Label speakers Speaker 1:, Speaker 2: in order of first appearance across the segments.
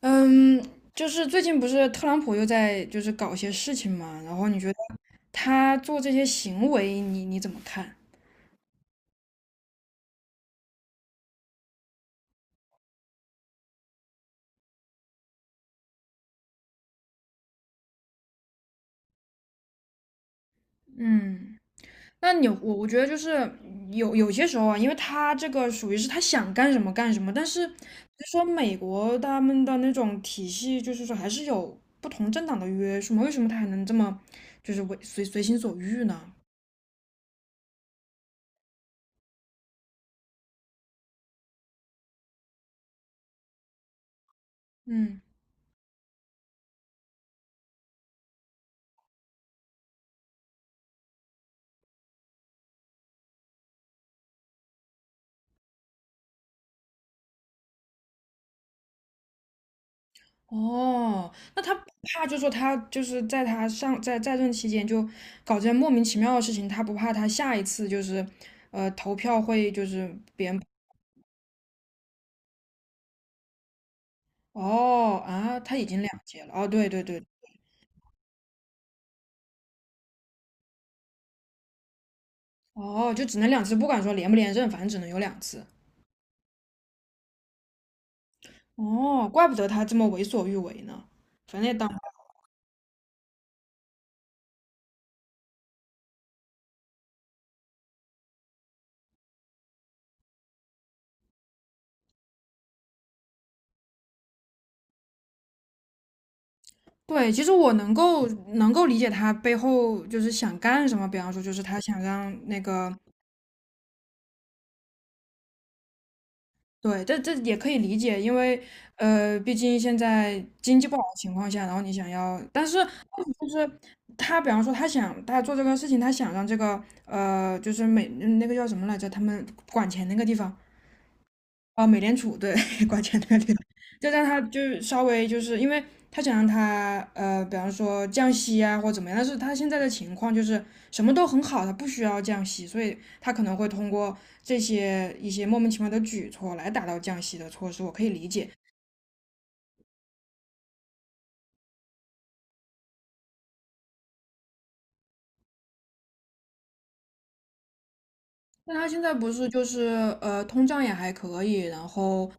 Speaker 1: 嗯，就是最近不是特朗普又在就是搞一些事情嘛，然后你觉得他做这些行为，你怎么看？嗯那你我觉得就是有些时候啊，因为他这个属于是他想干什么干什么，但是就说美国他们的那种体系，就是说还是有不同政党的约束嘛，为什么他还能这么就是为随心所欲呢？嗯。哦，那他不怕，就说他就是在他上在任期间就搞这些莫名其妙的事情，他不怕他下一次就是，投票会就是别人哦啊，他已经2届了哦，对对对，哦，就只能两次，不管说连不连任，反正只能有两次。哦，怪不得他这么为所欲为呢，反正也当对，其实我能够理解他背后就是想干什么，比方说就是他想让那个对，这也可以理解，因为毕竟现在经济不好的情况下，然后你想要，但是就是他，比方说他想他做这个事情，他想让这个就是那个叫什么来着，他们管钱那个地方，哦，美联储对 挂钱对对，就让他就是稍微就是因为他想让他比方说降息啊或怎么样，但是他现在的情况就是什么都很好，他不需要降息，所以他可能会通过这些一些莫名其妙的举措来达到降息的措施，我可以理解。但他现在不是就是通胀也还可以，然后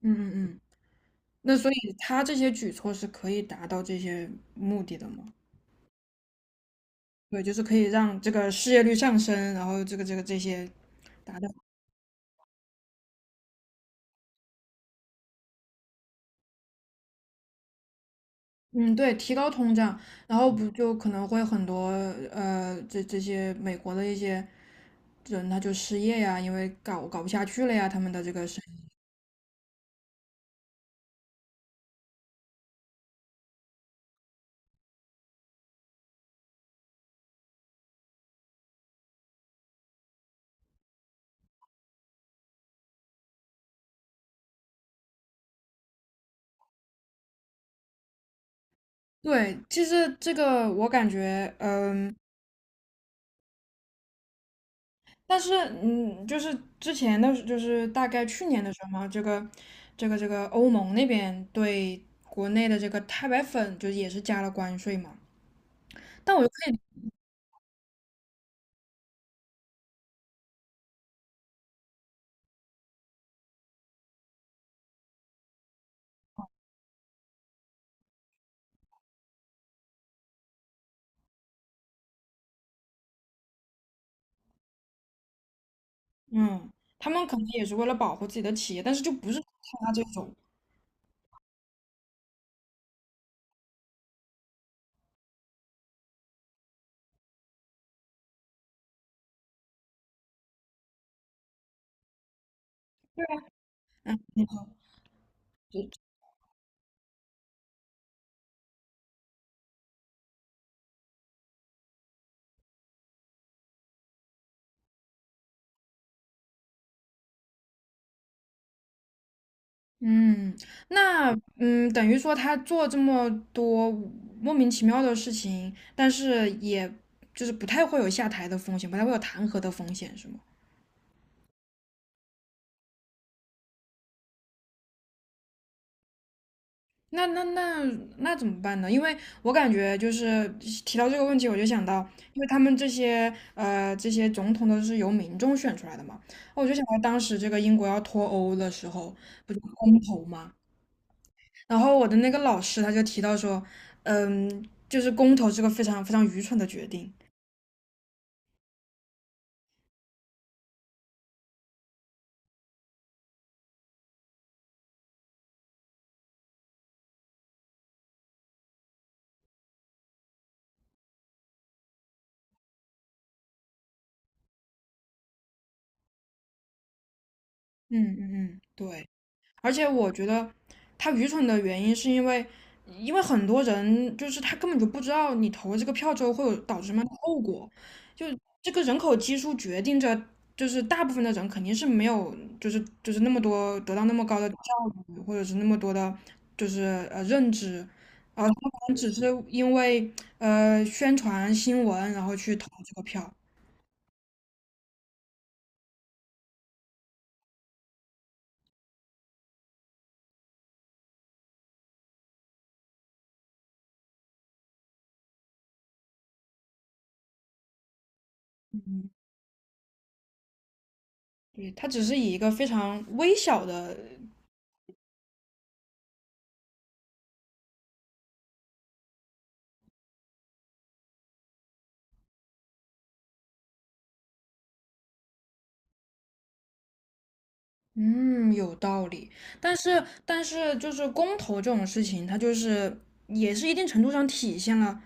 Speaker 1: 嗯嗯嗯，那所以他这些举措是可以达到这些目的的吗？对，就是可以让这个失业率上升，然后这个这些达到，嗯，对，提高通胀，然后不就可能会很多这些美国的一些人他就失业呀，因为搞不下去了呀，他们的这个生意。对，其实这个我感觉，但是就是之前的，就是大概去年的时候嘛，这个欧盟那边对国内的这个钛白粉就也是加了关税嘛。但我嗯，他们可能也是为了保护自己的企业，但是就不是他这种。嗯，你好。嗯，那等于说他做这么多莫名其妙的事情，但是也就是不太会有下台的风险，不太会有弹劾的风险，是吗？那那那那怎么办呢？因为我感觉就是提到这个问题，我就想到，因为他们这些总统都是由民众选出来的嘛，我就想到当时这个英国要脱欧的时候，不是公投嘛，然后我的那个老师他就提到说，就是公投是个非常非常愚蠢的决定。嗯嗯嗯，对，而且我觉得他愚蠢的原因是因为，因为很多人就是他根本就不知道你投这个票之后会有导致什么样的后果，就这个人口基数决定着，就是大部分的人肯定是没有，就是那么多得到那么高的教育，或者是那么多的，就是认知，啊、因为宣传新闻，然后去投这个票。对，它只是以一个非常微小的，嗯，有道理。但是，就是公投这种事情，它就是也是一定程度上体现了，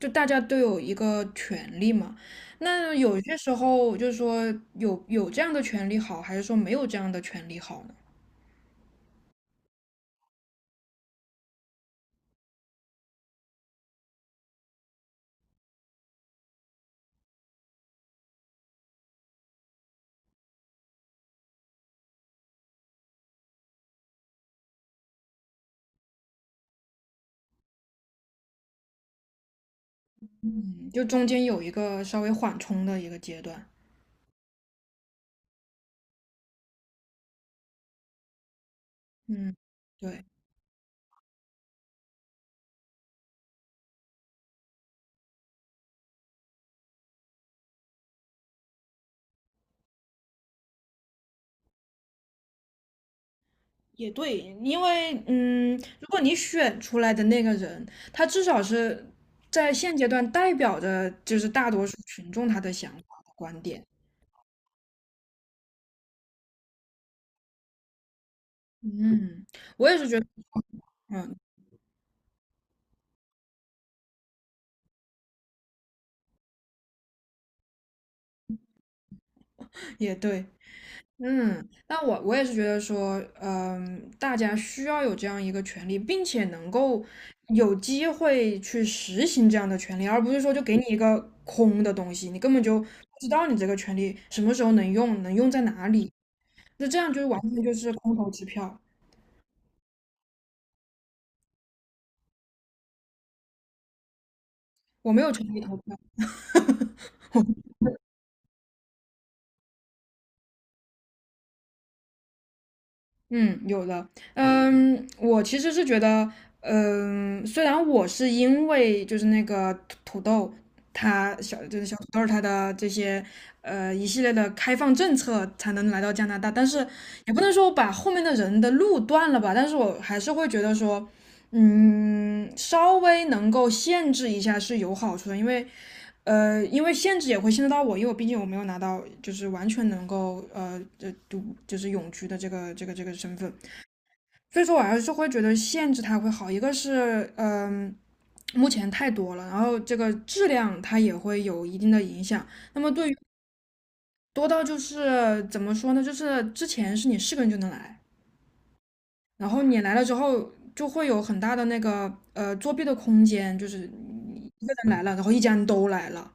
Speaker 1: 就大家都有一个权利嘛。那有些时候就是说有这样的权利好，还是说没有这样的权利好呢？就中间有一个稍微缓冲的一个阶段。嗯，对。也对，因为如果你选出来的那个人，他至少是在现阶段代表着就是大多数群众他的想法和观点。嗯，我也是觉得，嗯，也对，那我也是觉得说，大家需要有这样一个权利，并且能够有机会去实行这样的权利，而不是说就给你一个空的东西，你根本就不知道你这个权利什么时候能用，能用在哪里。那这样就是完全就是空头支票，我没有成立投票。嗯，有的。我其实是觉得，虽然我是因为就是那个土豆，它小就是小土豆它的这些一系列的开放政策才能来到加拿大，但是也不能说我把后面的人的路断了吧，但是我还是会觉得说。稍微能够限制一下是有好处的，因为因为限制也会限制到我，因为我毕竟我没有拿到就是完全能够这就是永居的这个身份，所以说我还是会觉得限制它会好。一个是目前太多了，然后这个质量它也会有一定的影响。那么对于多到就是怎么说呢，就是之前是你是个人就能来，然后你来了之后就会有很大的那个作弊的空间，就是你一个人来了，然后一家人都来了。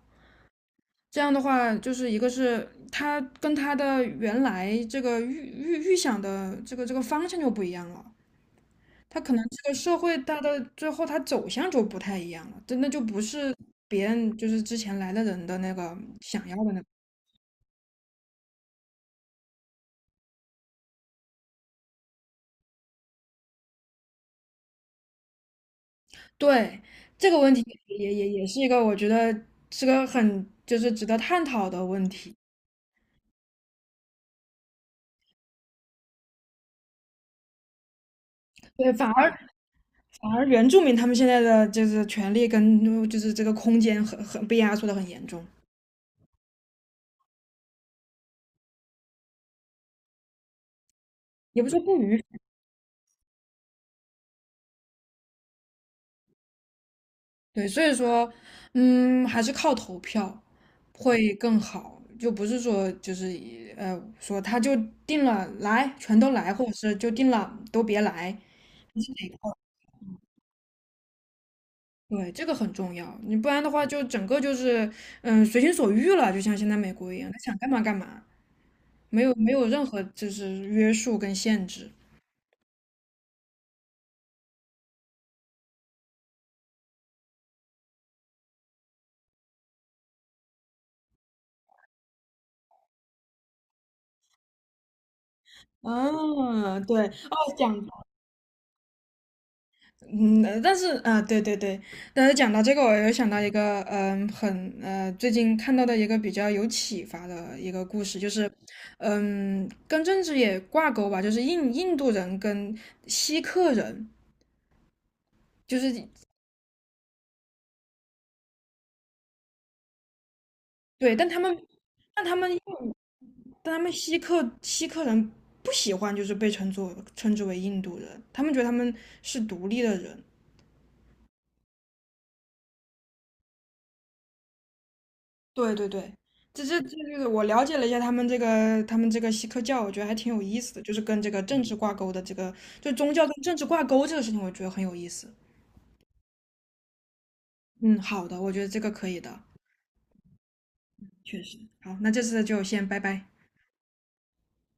Speaker 1: 这样的话，就是一个是他跟他的原来这个预想的这个方向就不一样了，他可能这个社会它的最后他走向就不太一样了，真的就不是别人就是之前来的人的那个想要的那个。对，这个问题也是一个我觉得是个很就是值得探讨的问题。对，反而原住民他们现在的就是权利跟就是这个空间很被压缩的很严重，也不是说不允对，所以说，还是靠投票会更好，就不是说就是说他就定了来全都来，或者是就定了都别来，你是哪个？对，这个很重要，你不然的话就整个就是随心所欲了，就像现在美国一样，他想干嘛干嘛，没有没有任何就是约束跟限制。嗯，对，哦，但是啊，对对对，但是讲到这个，我又想到一个，很最近看到的一个比较有启发的一个故事，就是，跟政治也挂钩吧，就是印度人跟锡克人，就是对，但他们，但他们，锡克人不喜欢，就是被称作称之为印度人，他们觉得他们是独立的人，对对对，这个我了解了一下他们这个西克教，我觉得还挺有意思的，就是跟这个政治挂钩的这个，就宗教跟政治挂钩这个事情，我觉得很有意思。嗯，好的，我觉得这个可以的，确实。好，那这次就先拜拜。